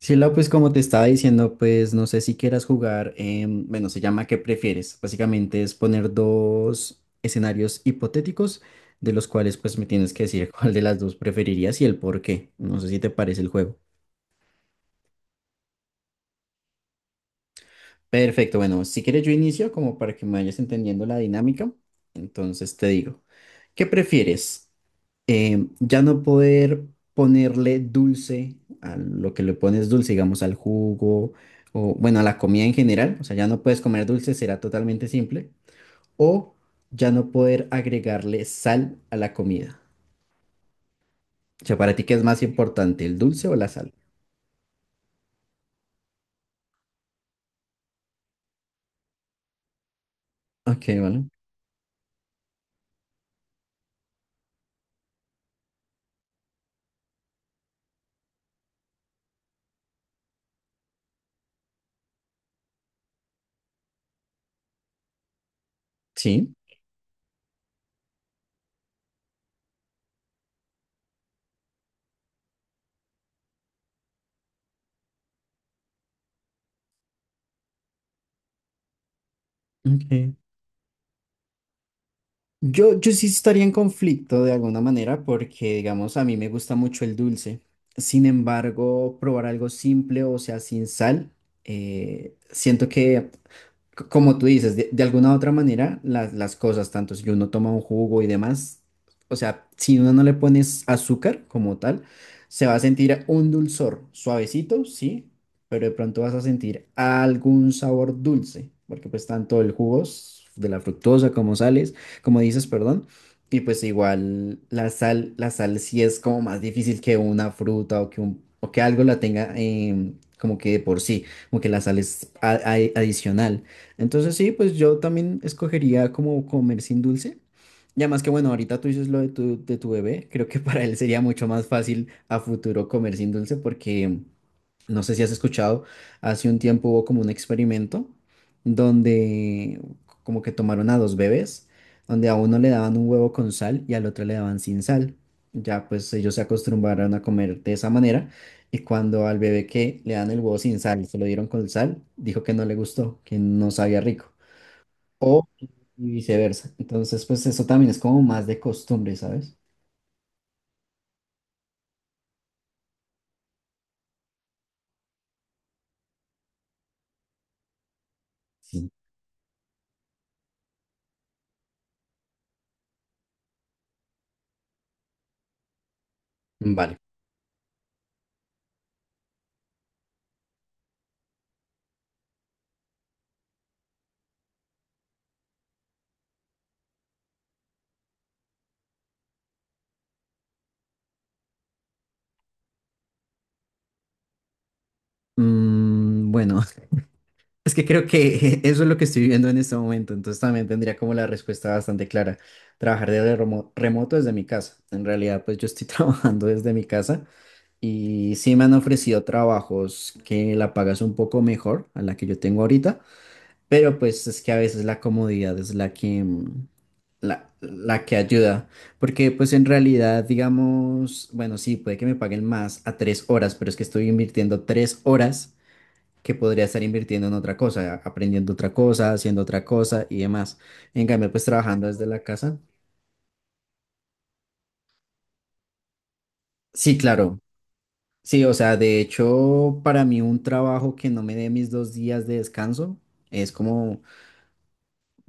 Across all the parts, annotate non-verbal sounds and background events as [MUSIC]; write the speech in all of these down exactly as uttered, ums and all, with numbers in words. Sí, Lau, pues como te estaba diciendo, pues no sé si quieras jugar, em, bueno, se llama ¿Qué prefieres? Básicamente es poner dos escenarios hipotéticos de los cuales pues me tienes que decir [LAUGHS] cuál de las dos preferirías y el por qué. No sé si te parece el juego. Perfecto, bueno, si quieres yo inicio como para que me vayas entendiendo la dinámica. Entonces te digo, ¿qué prefieres? Em, ya no poder ponerle dulce a lo que le pones dulce, digamos al jugo o bueno, a la comida en general, o sea, ya no puedes comer dulce, será totalmente simple, o ya no poder agregarle sal a la comida. O sea, para ti, ¿qué es más importante, el dulce o la sal? Ok, vale. Sí. Ok. Yo, yo sí estaría en conflicto de alguna manera porque, digamos, a mí me gusta mucho el dulce. Sin embargo, probar algo simple, o sea, sin sal, eh, siento que c- como tú dices, de, de alguna u otra manera, las, las cosas, tanto si uno toma un jugo y demás, o sea, si uno no le pones azúcar como tal, se va a sentir un dulzor suavecito, sí, pero de pronto vas a sentir algún sabor dulce, porque pues tanto el jugo s- de la fructosa como sales, como dices, perdón, y pues igual la sal, la sal sí es como más difícil que una fruta o que un, o que algo la tenga em, como que de por sí como que la sal es a- a- adicional. Entonces sí, pues yo también escogería como comer sin dulce. Y además que bueno, ahorita tú dices lo de tu, de tu bebé, creo que para él sería mucho más fácil a futuro comer sin dulce porque no sé si has escuchado, hace un tiempo hubo como un experimento donde como que tomaron a dos bebés, donde a uno le daban un huevo con sal y al otro le daban sin sal. Ya pues ellos se acostumbraron a comer de esa manera y cuando al bebé que le dan el huevo sin sal y se lo dieron con sal, dijo que no le gustó, que no sabía rico. O, y viceversa. Entonces, pues eso también es como más de costumbre, ¿sabes? Sí. Vale. Mm, bueno, [LAUGHS] es que creo que [LAUGHS] eso es lo que estoy viviendo en este momento. Entonces también tendría como la respuesta bastante clara. Trabajar desde remo- remoto desde mi casa. En realidad, pues yo estoy [LAUGHS] trabajando desde mi casa y sí me han ofrecido trabajos que la pagas un poco mejor a la que yo tengo ahorita. Pero pues es que a veces la comodidad es la que, mm, la, la que ayuda. Porque pues en realidad, digamos, bueno, sí, puede que me paguen más a tres horas, pero es que estoy invirtiendo tres horas que podría estar invirtiendo en otra cosa, aprendiendo otra cosa, haciendo otra cosa y demás. En cambio, pues trabajando desde la casa. Sí, claro. Sí, o sea, de hecho, para mí un trabajo que no me dé mis dos días de descanso es como.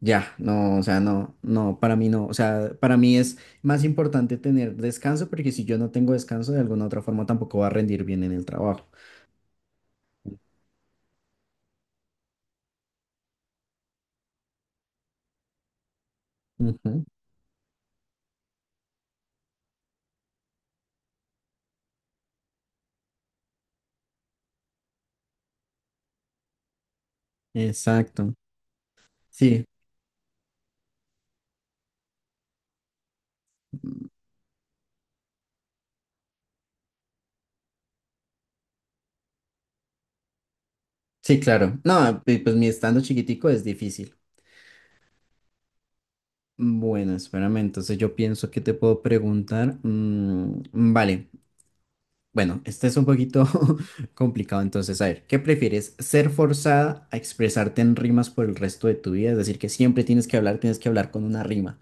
Ya, no, o sea, no, no, para mí no, o sea, para mí es más importante tener descanso porque si yo no tengo descanso de alguna otra forma tampoco va a rendir bien en el trabajo. Ujú. Exacto. Sí, sí, claro. No, pu- pues mi estando chiquitico es difícil. Bueno, espérame, entonces yo pienso que te puedo preguntar. Mm, vale, bueno, este es un poquito [LAUGHS] complicado, entonces, a ver, ¿qué prefieres? ¿Ser forzada a expresarte en rimas por el resto de tu vida? Es decir, que siempre tienes que hablar, tienes que hablar con una rima.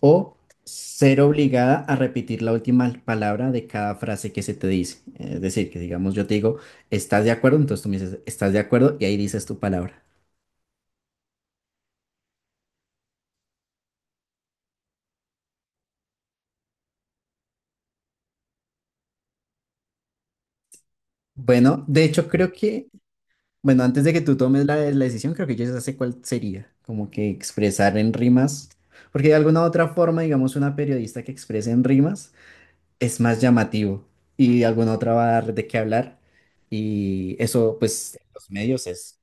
O ser obligada a repetir la última palabra de cada frase que se te dice. Es decir, que digamos yo te digo, ¿estás de acuerdo? Entonces tú me dices, ¿estás de acuerdo? Y ahí dices tu palabra. Bueno, de hecho creo que, bueno, antes de que tú tomes la, la decisión, creo que yo ya sé cuál sería, como que expresar en rimas, porque de alguna u otra forma, digamos, una periodista que exprese en rimas es más llamativo y de alguna otra va a dar de qué hablar y eso pues en los medios es.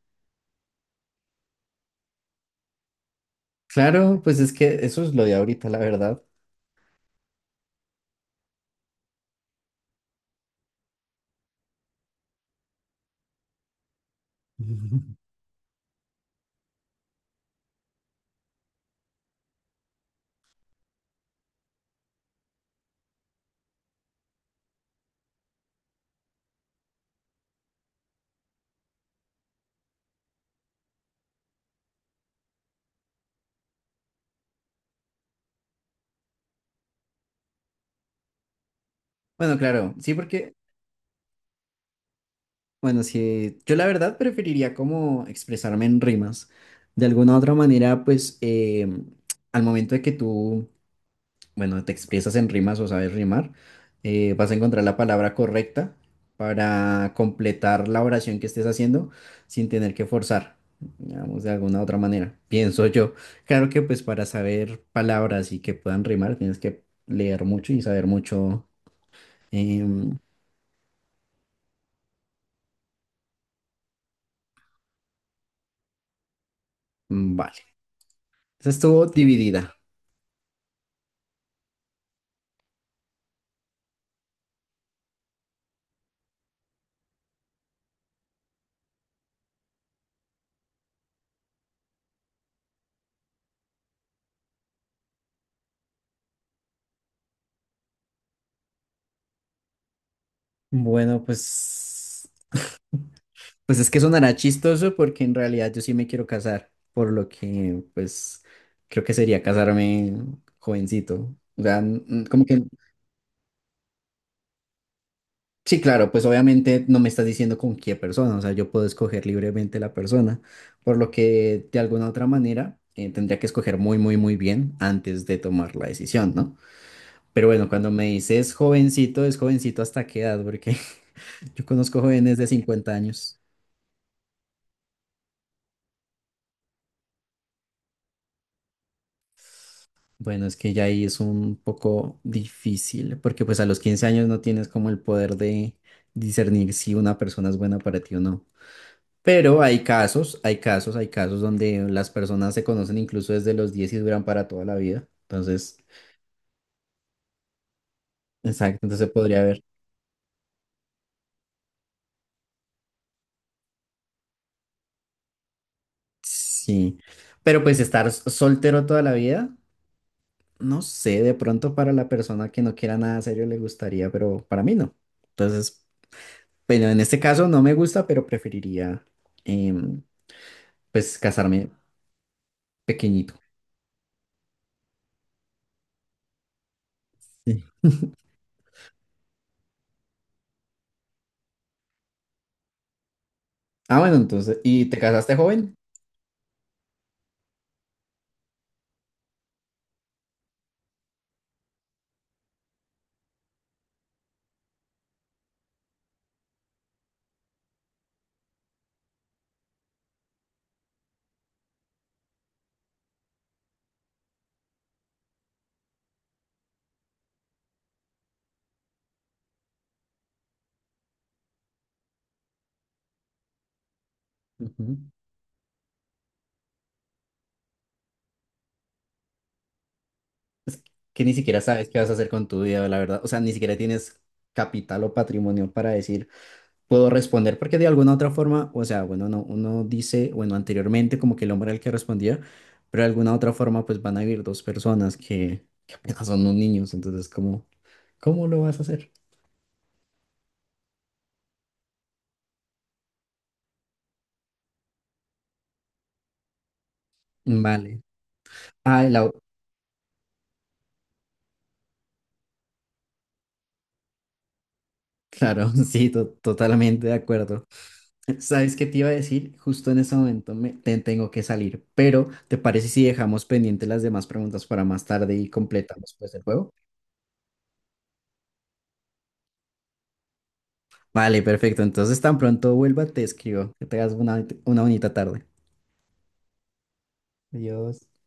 Claro, pues es que eso es lo de ahorita, la verdad. [LAUGHS] Bueno, claro, sí, porque, bueno, sí, yo la verdad preferiría como expresarme en rimas. De alguna u otra manera, pues eh, al momento de que tú bueno, te expresas en rimas o sabes rimar, eh, vas a encontrar la palabra correcta para completar la oración que estés haciendo sin tener que forzar, digamos, de alguna u otra manera, pienso yo. Claro que pues para saber palabras y que puedan rimar tienes que leer mucho y saber mucho. em, vale, esa estuvo dividida. Bueno, pues Pues es que sonará chistoso porque en realidad yo sí me quiero casar, por lo que pues creo que sería casarme jovencito. O sea, n- n- como que sí, claro, pues obviamente no me estás diciendo con qué persona, o sea, yo puedo escoger libremente la persona, por lo que de alguna otra manera eh, tendría que escoger muy, muy, muy bien antes de tomar la decisión, ¿no? Pero bueno, cuando me dices jovencito, es jovencito hasta qué edad, porque [LAUGHS] yo conozco jóvenes de cincuenta años. Bueno, es que ya ahí es un poco difícil, porque pues a los quince años no tienes como el poder de discernir si una persona es buena para ti o no. Pero hay casos, hay casos, hay casos donde las personas se conocen incluso desde los diez y duran para toda la vida. Entonces, exacto, entonces podría haber. Sí. Pero pues estar s- soltero toda la vida, no sé, de pronto para la persona que no quiera nada serio le gustaría, pero para mí no. Entonces, bueno, en este caso no me gusta, pero preferiría em, pues casarme pequeñito. Sí. Ah, bueno, entonces, ¿y te casaste joven? Ujú. Es que ni siquiera sabes qué vas a hacer con tu vida, la verdad. O sea, ni siquiera tienes capital o patrimonio para decir, puedo responder, porque de alguna otra forma, o sea, bueno, no, uno dice, bueno, anteriormente como que el hombre era el que respondía, pero de alguna otra forma pues van a vivir dos personas que, que apenas son unos niños, entonces, ¿cómo, cómo lo vas a hacer? Vale. Ah, la, claro, [LAUGHS] sí, to- totalmente de acuerdo. [LAUGHS] ¿Sabes qué te iba a decir? Justo en este momento me, te- tengo que salir, pero ¿te parece si dejamos pendientes las demás preguntas para más tarde y completamos pues el juego? Vale, perfecto. Entonces tan pronto vuelva, te escribo. Que tengas una, una bonita tarde. Adiós.